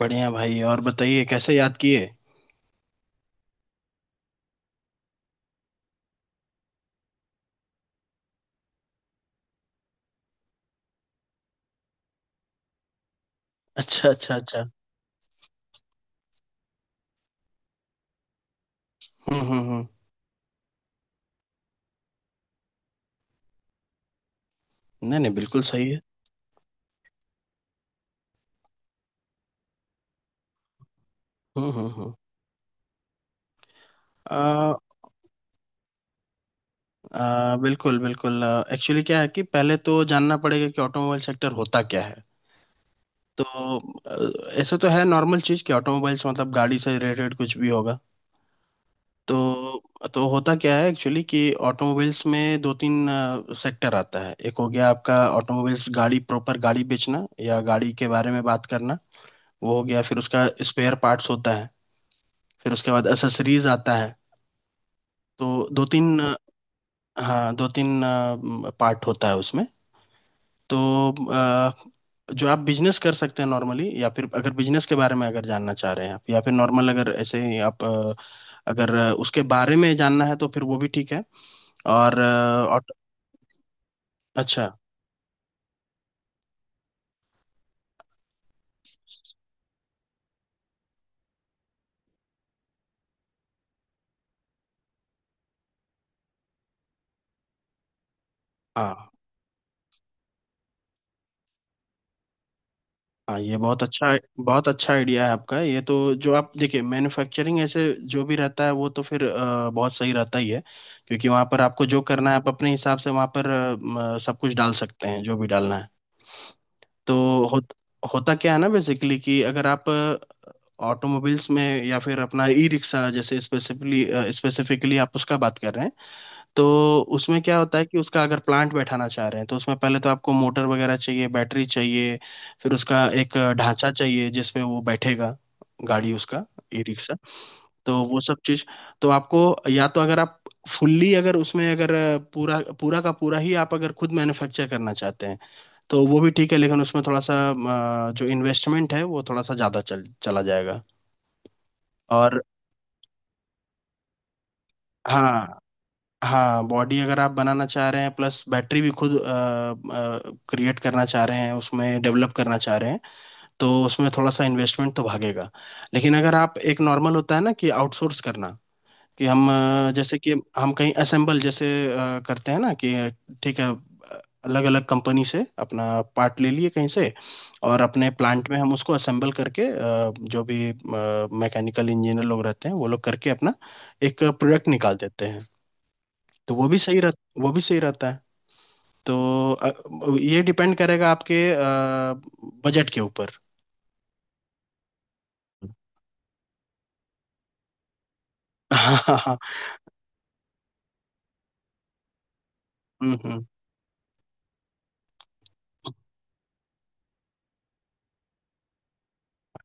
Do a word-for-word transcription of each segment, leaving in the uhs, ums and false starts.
बढ़िया भाई। और बताइए कैसे याद किए। अच्छा, अच्छा, अच्छा। हम्म, हम्म, हम्म। नहीं नहीं, बिल्कुल सही है। हम्म, हम्म, हम्म। आ, आ, बिल्कुल बिल्कुल, एक्चुअली क्या है कि पहले तो जानना पड़ेगा कि ऑटोमोबाइल सेक्टर होता क्या है। तो अ, ऐसा तो है नॉर्मल चीज़ कि ऑटोमोबाइल्स मतलब गाड़ी से रिलेटेड कुछ भी होगा। तो तो होता क्या है एक्चुअली कि ऑटोमोबाइल्स में दो तीन सेक्टर आता है। एक हो गया आपका ऑटोमोबाइल्स, गाड़ी प्रॉपर, गाड़ी बेचना या गाड़ी के बारे में बात करना, वो हो गया। फिर उसका स्पेयर पार्ट्स होता है। फिर उसके बाद एसेसरीज आता है। तो दो तीन, हाँ दो तीन पार्ट होता है उसमें। तो अ, जो आप बिजनेस कर सकते हैं नॉर्मली, या फिर अगर बिजनेस के बारे में अगर जानना चाह रहे हैं आप, या फिर नॉर्मल अगर ऐसे ही आप अ, अगर उसके बारे में जानना है तो फिर वो भी ठीक है। और अ, और- अच्छा। हाँ हाँ, ये बहुत अच्छा, बहुत अच्छा आइडिया है आपका। ये तो, जो आप देखिए मैन्युफैक्चरिंग ऐसे जो भी रहता है, वो तो फिर अ, बहुत सही रहता ही है। क्योंकि वहाँ पर आपको जो करना है, आप अपने हिसाब से वहाँ पर अ, म, सब कुछ डाल सकते हैं, जो भी डालना है। तो हो, होता क्या है ना बेसिकली, कि अगर आप ऑटोमोबाइल्स में या फिर अपना ई रिक्शा जैसे स्पेसिफिकली, स्पेसिफिकली आप उसका बात कर रहे हैं। तो उसमें क्या होता है कि उसका अगर प्लांट बैठाना चाह रहे हैं, तो उसमें पहले तो आपको मोटर वगैरह चाहिए, बैटरी चाहिए, फिर उसका एक ढांचा चाहिए जिसमें वो बैठेगा, गाड़ी, उसका ई रिक्शा। तो वो सब चीज, तो आपको, या तो अगर आप फुल्ली, अगर उसमें अगर पूरा पूरा का पूरा ही आप अगर खुद मैन्युफैक्चर करना चाहते हैं, तो वो भी ठीक है। लेकिन उसमें थोड़ा सा अ, जो इन्वेस्टमेंट है वो थोड़ा सा ज़्यादा चल चला जाएगा। और हाँ हाँ, बॉडी अगर आप बनाना चाह रहे हैं प्लस बैटरी भी खुद क्रिएट करना चाह रहे हैं, उसमें डेवलप करना चाह रहे हैं, तो उसमें थोड़ा सा इन्वेस्टमेंट तो भागेगा। लेकिन अगर आप एक नॉर्मल होता है ना, कि आउटसोर्स करना, कि हम अ, जैसे कि हम कहीं असेंबल जैसे अ, करते हैं ना कि अ, ठीक है, अलग अलग कंपनी से अपना पार्ट ले लिए कहीं से, और अपने प्लांट में हम उसको असेंबल करके अ, जो भी मैकेनिकल इंजीनियर लोग रहते हैं, वो लोग करके अपना एक प्रोडक्ट निकाल देते हैं। तो वो भी सही रह वो भी सही रहता है। तो अ, ये डिपेंड करेगा आपके बजट के ऊपर। हाँ हाँ हाँ, हम्म हम्म।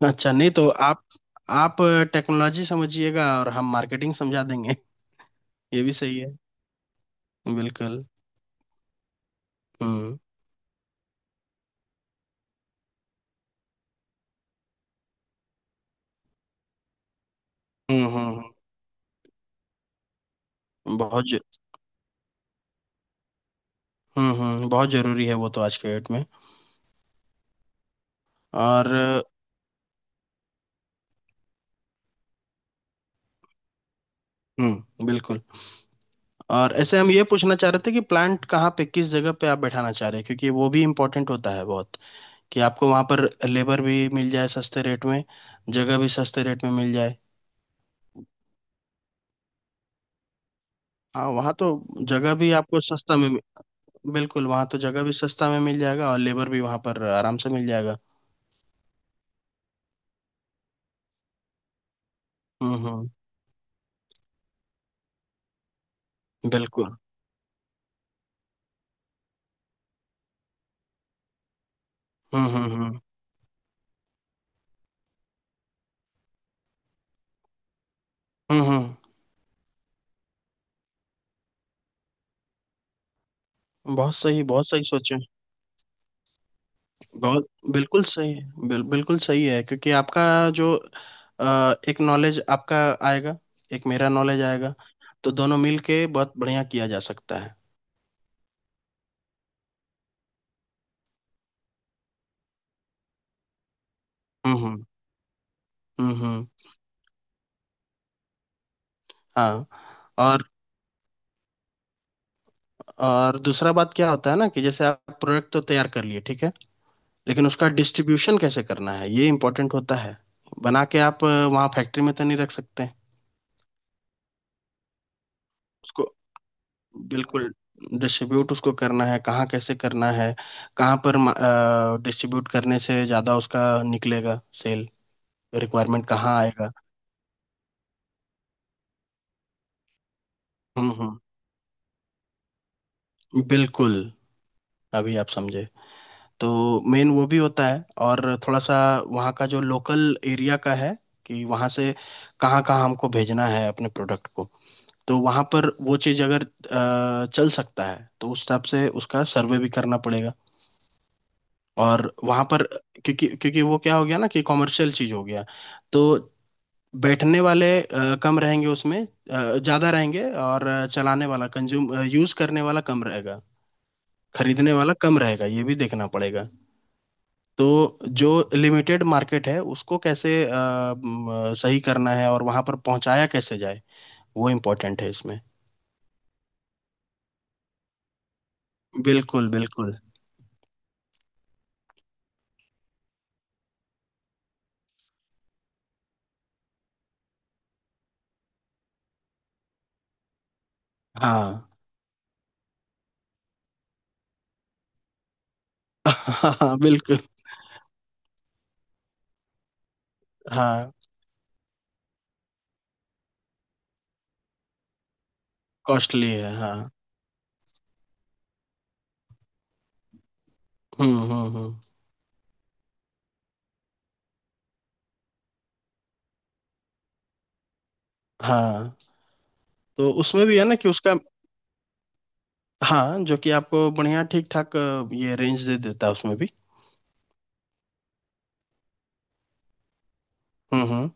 अच्छा, नहीं तो आप आप टेक्नोलॉजी समझिएगा और हम मार्केटिंग समझा देंगे। ये भी सही है। बिल्कुल। हम्म हम्म हम्म, हम्म, बहुत ज- हम्म हम्म, बहुत जरूरी है वो तो आज के डेट में। और हम्म, बिल्कुल। और ऐसे हम ये पूछना चाह रहे थे कि प्लांट कहाँ पे, किस जगह पे आप बैठाना चाह रहे हैं, क्योंकि वो भी इम्पोर्टेंट होता है बहुत। कि आपको वहाँ पर लेबर भी मिल जाए सस्ते रेट में, जगह भी सस्ते रेट में मिल जाए। हाँ वहाँ तो जगह भी आपको सस्ता में, बिल्कुल वहाँ तो जगह भी सस्ता में मिल जाएगा और लेबर भी वहाँ पर आराम से मिल जाएगा। हम्म हम्म, बिल्कुल। हम्म हम्म हम्म, हम्म हम्म, बहुत सही, बहुत सही सोचे। बहुत बिल्कुल सही है बिल, बिल्कुल सही है, क्योंकि आपका जो अ, एक नॉलेज आपका आएगा, एक मेरा नॉलेज आएगा, तो दोनों मिल के बहुत बढ़िया किया जा सकता है। हम्म हम्म हम्म, हम्म, हाँ। और और दूसरा बात क्या होता है ना, कि जैसे आप प्रोडक्ट तो तैयार कर लिए, ठीक है, लेकिन उसका डिस्ट्रीब्यूशन कैसे करना है ये इम्पोर्टेंट होता है। बना के आप अ, वहाँ फैक्ट्री में तो नहीं रख सकते हैं उसको। बिल्कुल, डिस्ट्रीब्यूट उसको करना है कहाँ, कैसे करना है, कहाँ पर डिस्ट्रीब्यूट करने से ज़्यादा उसका निकलेगा सेल, रिक्वायरमेंट कहाँ आएगा। हम्म हम्म, बिल्कुल। अभी आप समझे। तो मेन वो भी होता है, और थोड़ा सा वहाँ का जो लोकल एरिया का है, कि वहाँ से कहाँ कहाँ हमको भेजना है अपने प्रोडक्ट को। तो वहाँ पर वो चीज़ अगर अ, चल सकता है, तो उस हिसाब से उसका सर्वे भी करना पड़ेगा। और वहाँ पर क्योंकि क्योंकि वो क्या हो गया ना कि कॉमर्शियल चीज़ हो गया। तो बैठने वाले अ, कम रहेंगे उसमें, अ, ज़्यादा रहेंगे, और अ, चलाने वाला, कंज्यूम, यूज़ करने वाला कम रहेगा, खरीदने वाला कम रहेगा, ये भी देखना पड़ेगा। तो जो लिमिटेड मार्केट है उसको कैसे अ, म, सही करना है, और वहां पर पहुंचाया कैसे जाए, वो इम्पोर्टेंट है इसमें। बिल्कुल बिल्कुल। हाँ। हाँ बिल्कुल। हाँ, कॉस्टली है हाँ। हम्म हम्म हम्म। हाँ, तो उसमें भी है ना कि उसका, हाँ जो कि आपको बढ़िया, ठीक ठाक ये रेंज दे देता है उसमें भी। हम्म हम्म।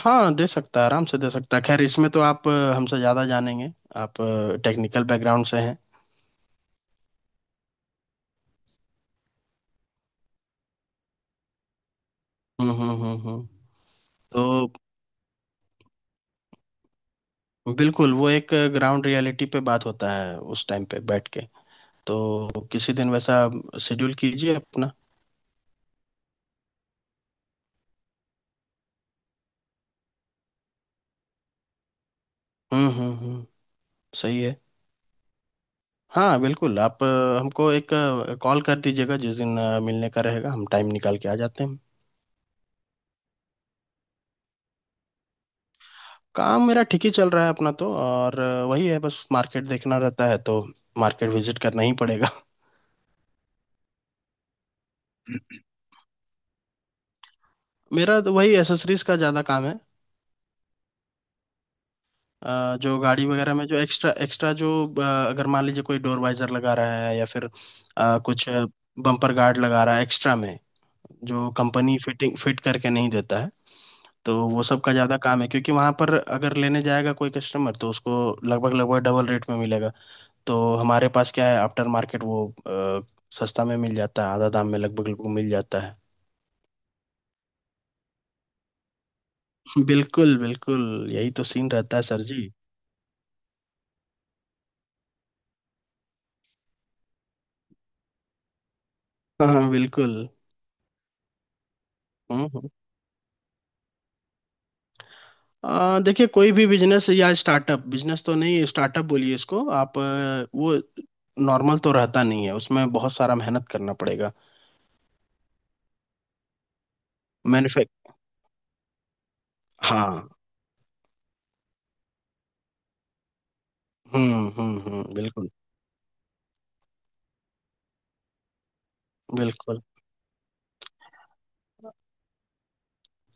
हाँ दे सकता है, आराम से दे सकता है। खैर इसमें तो आप अ, हमसे ज़्यादा जानेंगे, आप टेक्निकल बैकग्राउंड से हैं। हम्म हम्म हम्म हम्म। तो बिल्कुल, वो एक ग्राउंड रियलिटी पे बात होता है उस टाइम पे बैठ के। तो किसी दिन वैसा शेड्यूल कीजिए अपना। हम्म हम्म हम्म, सही है। हाँ बिल्कुल, आप अ, हमको एक कॉल कर दीजिएगा जिस दिन अ, मिलने का रहेगा, हम टाइम निकाल के आ जाते हैं। काम मेरा ठीक ही चल रहा है अपना तो, और अ, वही है बस, मार्केट देखना रहता है तो। मार्केट विजिट करना ही पड़ेगा। मेरा तो वही एसेसरीज का ज़्यादा काम है। अ, जो गाड़ी वगैरह में जो एक्स्ट्रा, एक्स्ट्रा जो अ, अगर मान लीजिए कोई डोर वाइजर लगा रहा है, या फिर अ, कुछ बम्पर गार्ड लगा रहा है एक्स्ट्रा में, जो कंपनी फिटिंग फिट करके नहीं देता है, तो वो सब का ज़्यादा काम है। क्योंकि वहाँ पर अगर लेने जाएगा कोई कस्टमर, तो उसको लगभग लगभग डबल रेट में मिलेगा। तो हमारे पास क्या है, आफ्टर मार्केट वो अ, सस्ता में मिल जाता है, आधा दाम में लगभग लगभग मिल जाता है। बिल्कुल बिल्कुल। यही तो सीन रहता है सर जी। हाँ हाँ, बिल्कुल। हम्म हम्म। आ, देखिए कोई भी बिजनेस या स्टार्टअप, बिजनेस तो नहीं स्टार्टअप बोलिए इसको आप, आ, वो नॉर्मल तो रहता नहीं है, उसमें बहुत सारा मेहनत करना पड़ेगा। मैन्युफैक्ट हाँ। हम्म हम्म हम्म, बिल्कुल बिल्कुल।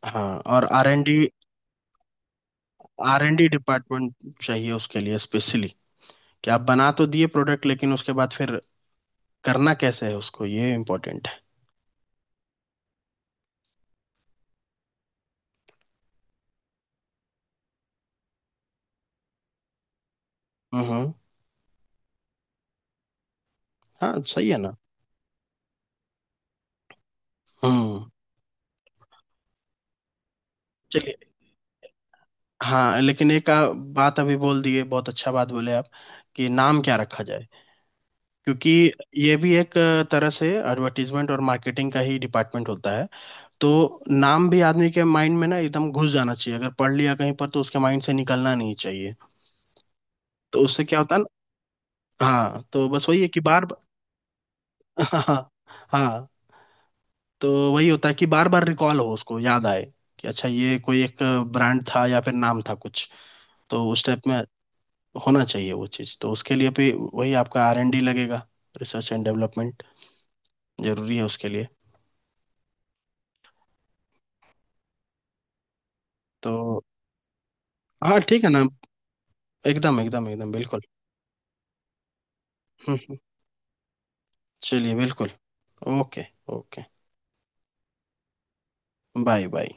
हाँ और R N D. R N D department चाहिए उसके लिए स्पेशली, कि आप बना तो दिए प्रोडक्ट लेकिन उसके बाद फिर करना कैसे है उसको, ये इम्पोर्टेंट है। हम्म। हाँ सही है ना। हम्म, चलिए। हाँ, लेकिन एक आ, बात अभी बोल दिए, बहुत अच्छा बात बोले आप, कि नाम क्या रखा जाए। क्योंकि ये भी एक अ, तरह से एडवर्टीजमेंट और मार्केटिंग का ही डिपार्टमेंट होता है। तो नाम भी आदमी के माइंड में ना एकदम घुस जाना चाहिए, अगर पढ़ लिया कहीं पर तो उसके माइंड से निकलना नहीं चाहिए। तो उससे क्या होता है ना, हाँ तो बस वही है कि बार हाँ, हाँ तो वही होता है कि बार बार रिकॉल हो, उसको याद आए कि अच्छा ये कोई एक ब्रांड था या फिर नाम था कुछ, तो उस टाइप में होना चाहिए वो चीज़। तो उसके लिए भी वही आपका आर एन डी लगेगा, रिसर्च एंड डेवलपमेंट जरूरी है उसके लिए। तो हाँ ठीक है ना, एकदम एकदम एकदम बिल्कुल। हम्म हम्म, चलिए बिल्कुल। ओके। ओके। बाय। बाय